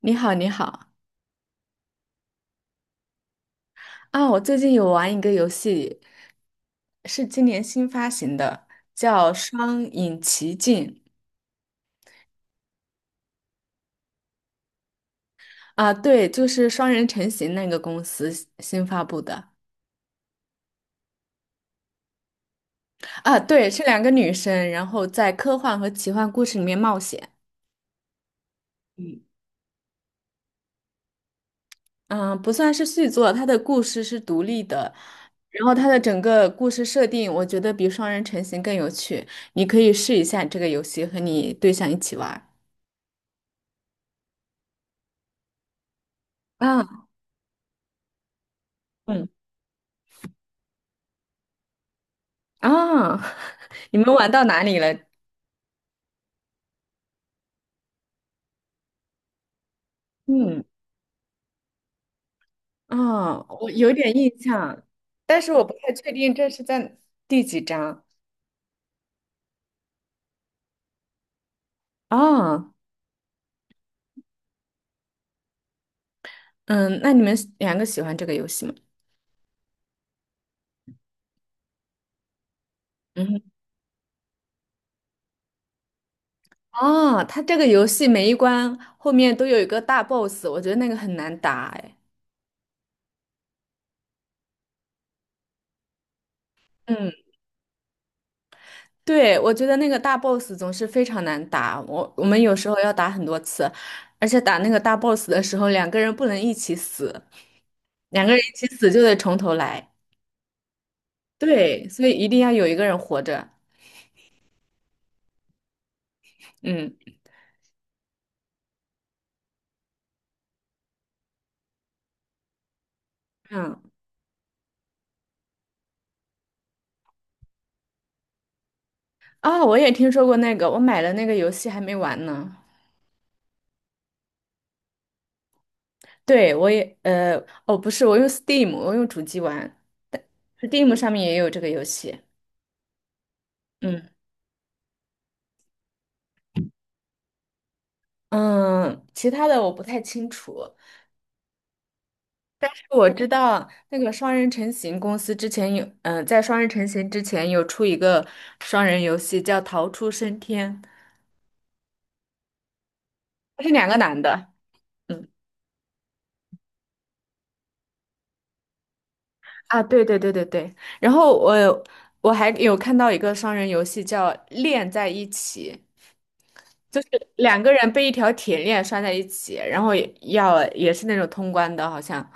你好，你好。啊！我最近有玩一个游戏，是今年新发行的，叫《双影奇境》。啊，对，就是双人成行那个公司新发布的。啊，对，是两个女生，然后在科幻和奇幻故事里面冒险。嗯，嗯，不算是续作，它的故事是独立的，然后它的整个故事设定，我觉得比双人成行更有趣。你可以试一下这个游戏，和你对象一起玩儿。啊，嗯。啊，你们玩到哪里了？嗯，啊，我有点印象，但是我不太确定这是在第几章。啊。嗯，那你们两个喜欢这个游戏吗？嗯哼。哦，它这个游戏每一关后面都有一个大 boss,我觉得那个很难打，哎。嗯，对，我觉得那个大 boss 总是非常难打，我们有时候要打很多次，而且打那个大 boss 的时候，两个人不能一起死，两个人一起死就得从头来。对，所以一定要有一个人活着。嗯嗯。啊、我也听说过那个，我买了那个游戏还没玩呢。对，我也哦，不是，我用 Steam,我用主机玩，Steam 上面也有这个游戏。嗯。嗯，其他的我不太清楚，我知道那个双人成行公司之前有，嗯、在双人成行之前有出一个双人游戏叫《逃出升天》，它是两个男的。嗯。啊，对对对对对，然后我还有看到一个双人游戏叫链在一起，就是两个人被一条铁链拴在一起，然后也是那种通关的，好像。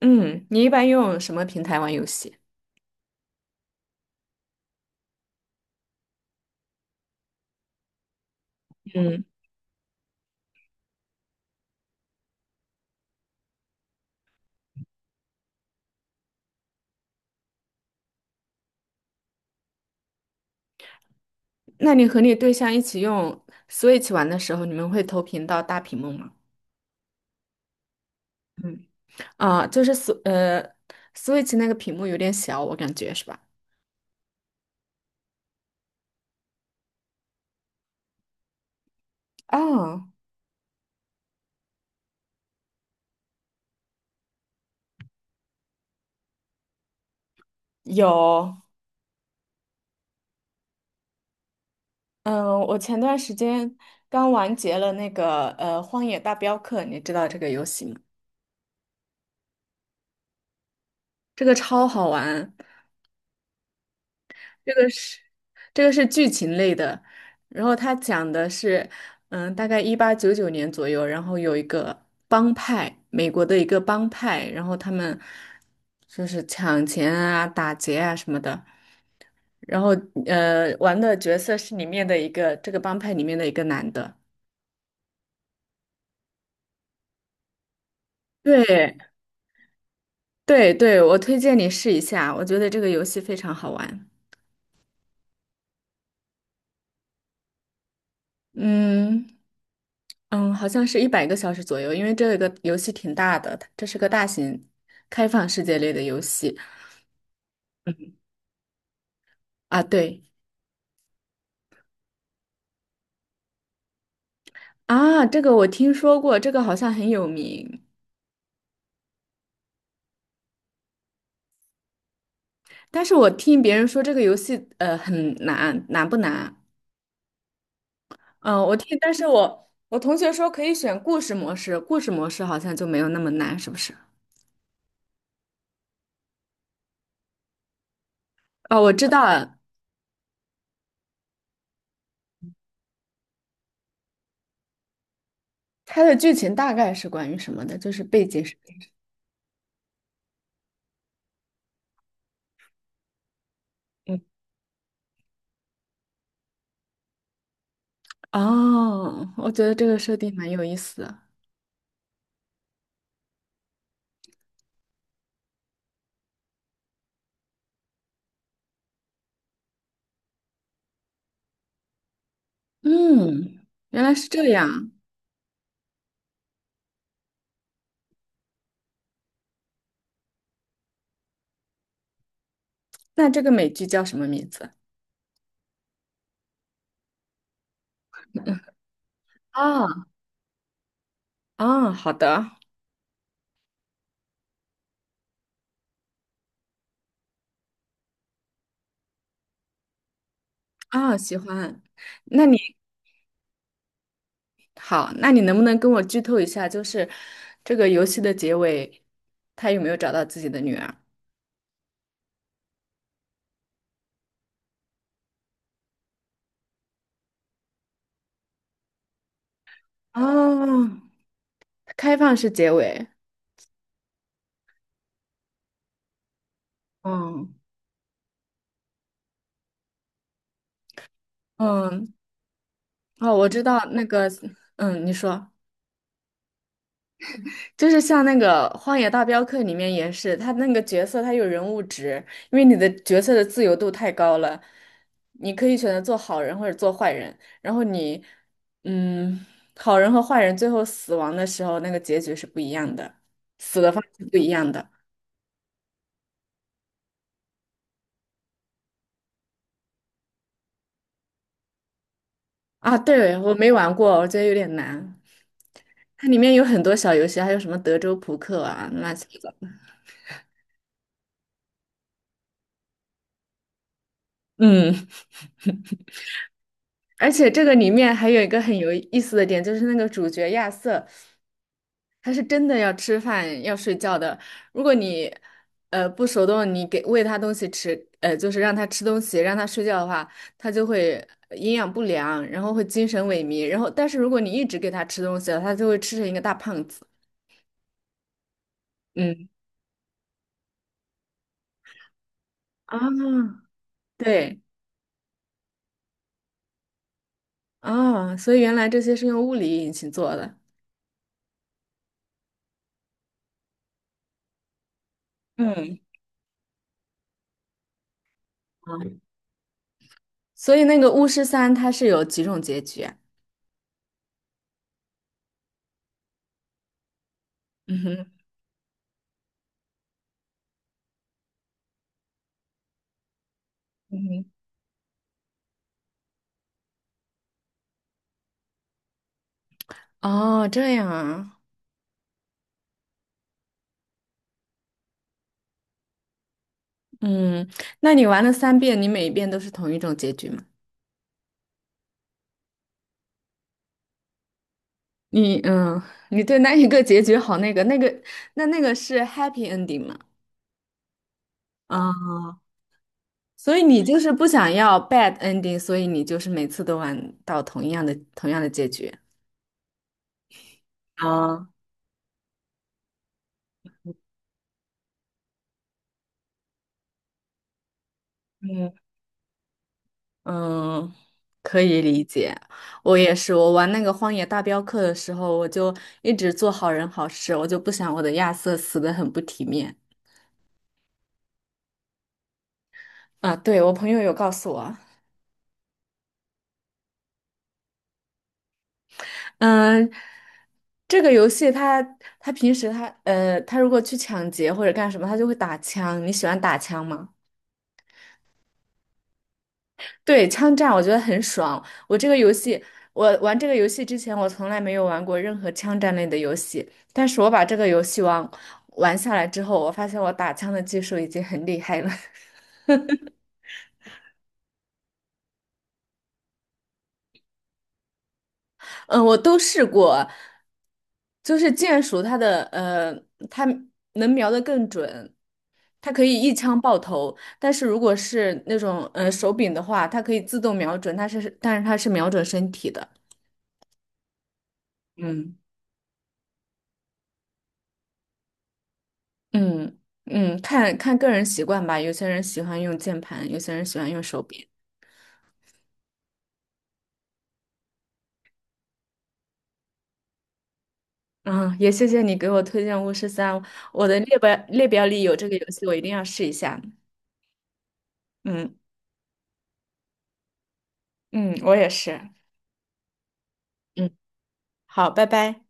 嗯，你一般用什么平台玩游戏？嗯，那你和你对象一起用 Switch 玩的时候，你们会投屏到大屏幕吗？嗯，啊，就是 Switch 那个屏幕有点小，我感觉是吧？啊，有。嗯，我前段时间刚完结了那个《荒野大镖客》，你知道这个游戏吗？这个超好玩，这个是这个是剧情类的，然后它讲的是，嗯，大概1899年左右，然后有一个帮派，美国的一个帮派，然后他们就是抢钱啊、打劫啊什么的，然后玩的角色是里面的一个这个帮派里面的一个男的。对，对对，我推荐你试一下，我觉得这个游戏非常好玩。嗯。嗯，好像是100个小时左右，因为这个游戏挺大的，它这是个大型开放世界类的游戏啊。对啊，这个我听说过，这个好像很有名，但是我听别人说这个游戏很难，难不难？嗯，但是我同学说可以选故事模式，故事模式好像就没有那么难，是不是？哦，我知道了，它的剧情大概是关于什么的，就是背景是。嗯。哦，我觉得这个设定蛮有意思的。嗯，原来是这样。那这个美剧叫什么名字？啊。啊，好的。啊，喜欢。那你好,那你能不能跟我剧透一下，就是这个游戏的结尾，他有没有找到自己的女儿？哦，开放式结尾。嗯嗯，哦，我知道那个，嗯，你说。就是像那个《荒野大镖客》里面也是，他那个角色他有人物值，因为你的角色的自由度太高了，你可以选择做好人或者做坏人，然后嗯，好人和坏人最后死亡的时候，那个结局是不一样的，死的方式不一样的。啊，对，我没玩过，我觉得有点难。它里面有很多小游戏，还有什么德州扑克啊，乱七八糟。嗯，而且这个里面还有一个很有意思的点，就是那个主角亚瑟。它是真的要吃饭要睡觉的。如果你不手动，你给喂它东西吃，就是让它吃东西，让它睡觉的话，它就会营养不良，然后会精神萎靡。然后，但是如果你一直给它吃东西了，它就会吃成一个大胖子。嗯。啊，对啊，所以原来这些是用物理引擎做的。嗯，所以那个巫师三它是有几种结局啊？嗯哼，嗯哼。哦，这样啊。嗯，那你玩了三遍，你每一遍都是同一种结局吗？你嗯，你对那一个结局那个是 happy ending 吗？啊，所以你就是不想要 bad ending,所以你就是每次都玩到同样的结局。啊，嗯嗯，可以理解。我也是，我玩那个《荒野大镖客》的时候，我就一直做好人好事，我就不想我的亚瑟死的很不体面。啊，对，我朋友有告诉我。嗯，这个游戏它平时它它如果去抢劫或者干什么，它就会打枪。你喜欢打枪吗？对，枪战我觉得很爽。我这个游戏，我玩这个游戏之前，我从来没有玩过任何枪战类的游戏。但是我把这个游戏玩下来之后，我发现我打枪的技术已经很厉害了。嗯，我都试过，就是剑术它的它能瞄得更准。它可以一枪爆头，但是如果是那种手柄的话，它可以自动瞄准，但是它是瞄准身体的。嗯，嗯嗯，看看个人习惯吧，有些人喜欢用键盘，有些人喜欢用手柄。嗯，也谢谢你给我推荐巫师三，我的列表里有这个游戏，我一定要试一下。嗯嗯，我也是。嗯，好，拜拜。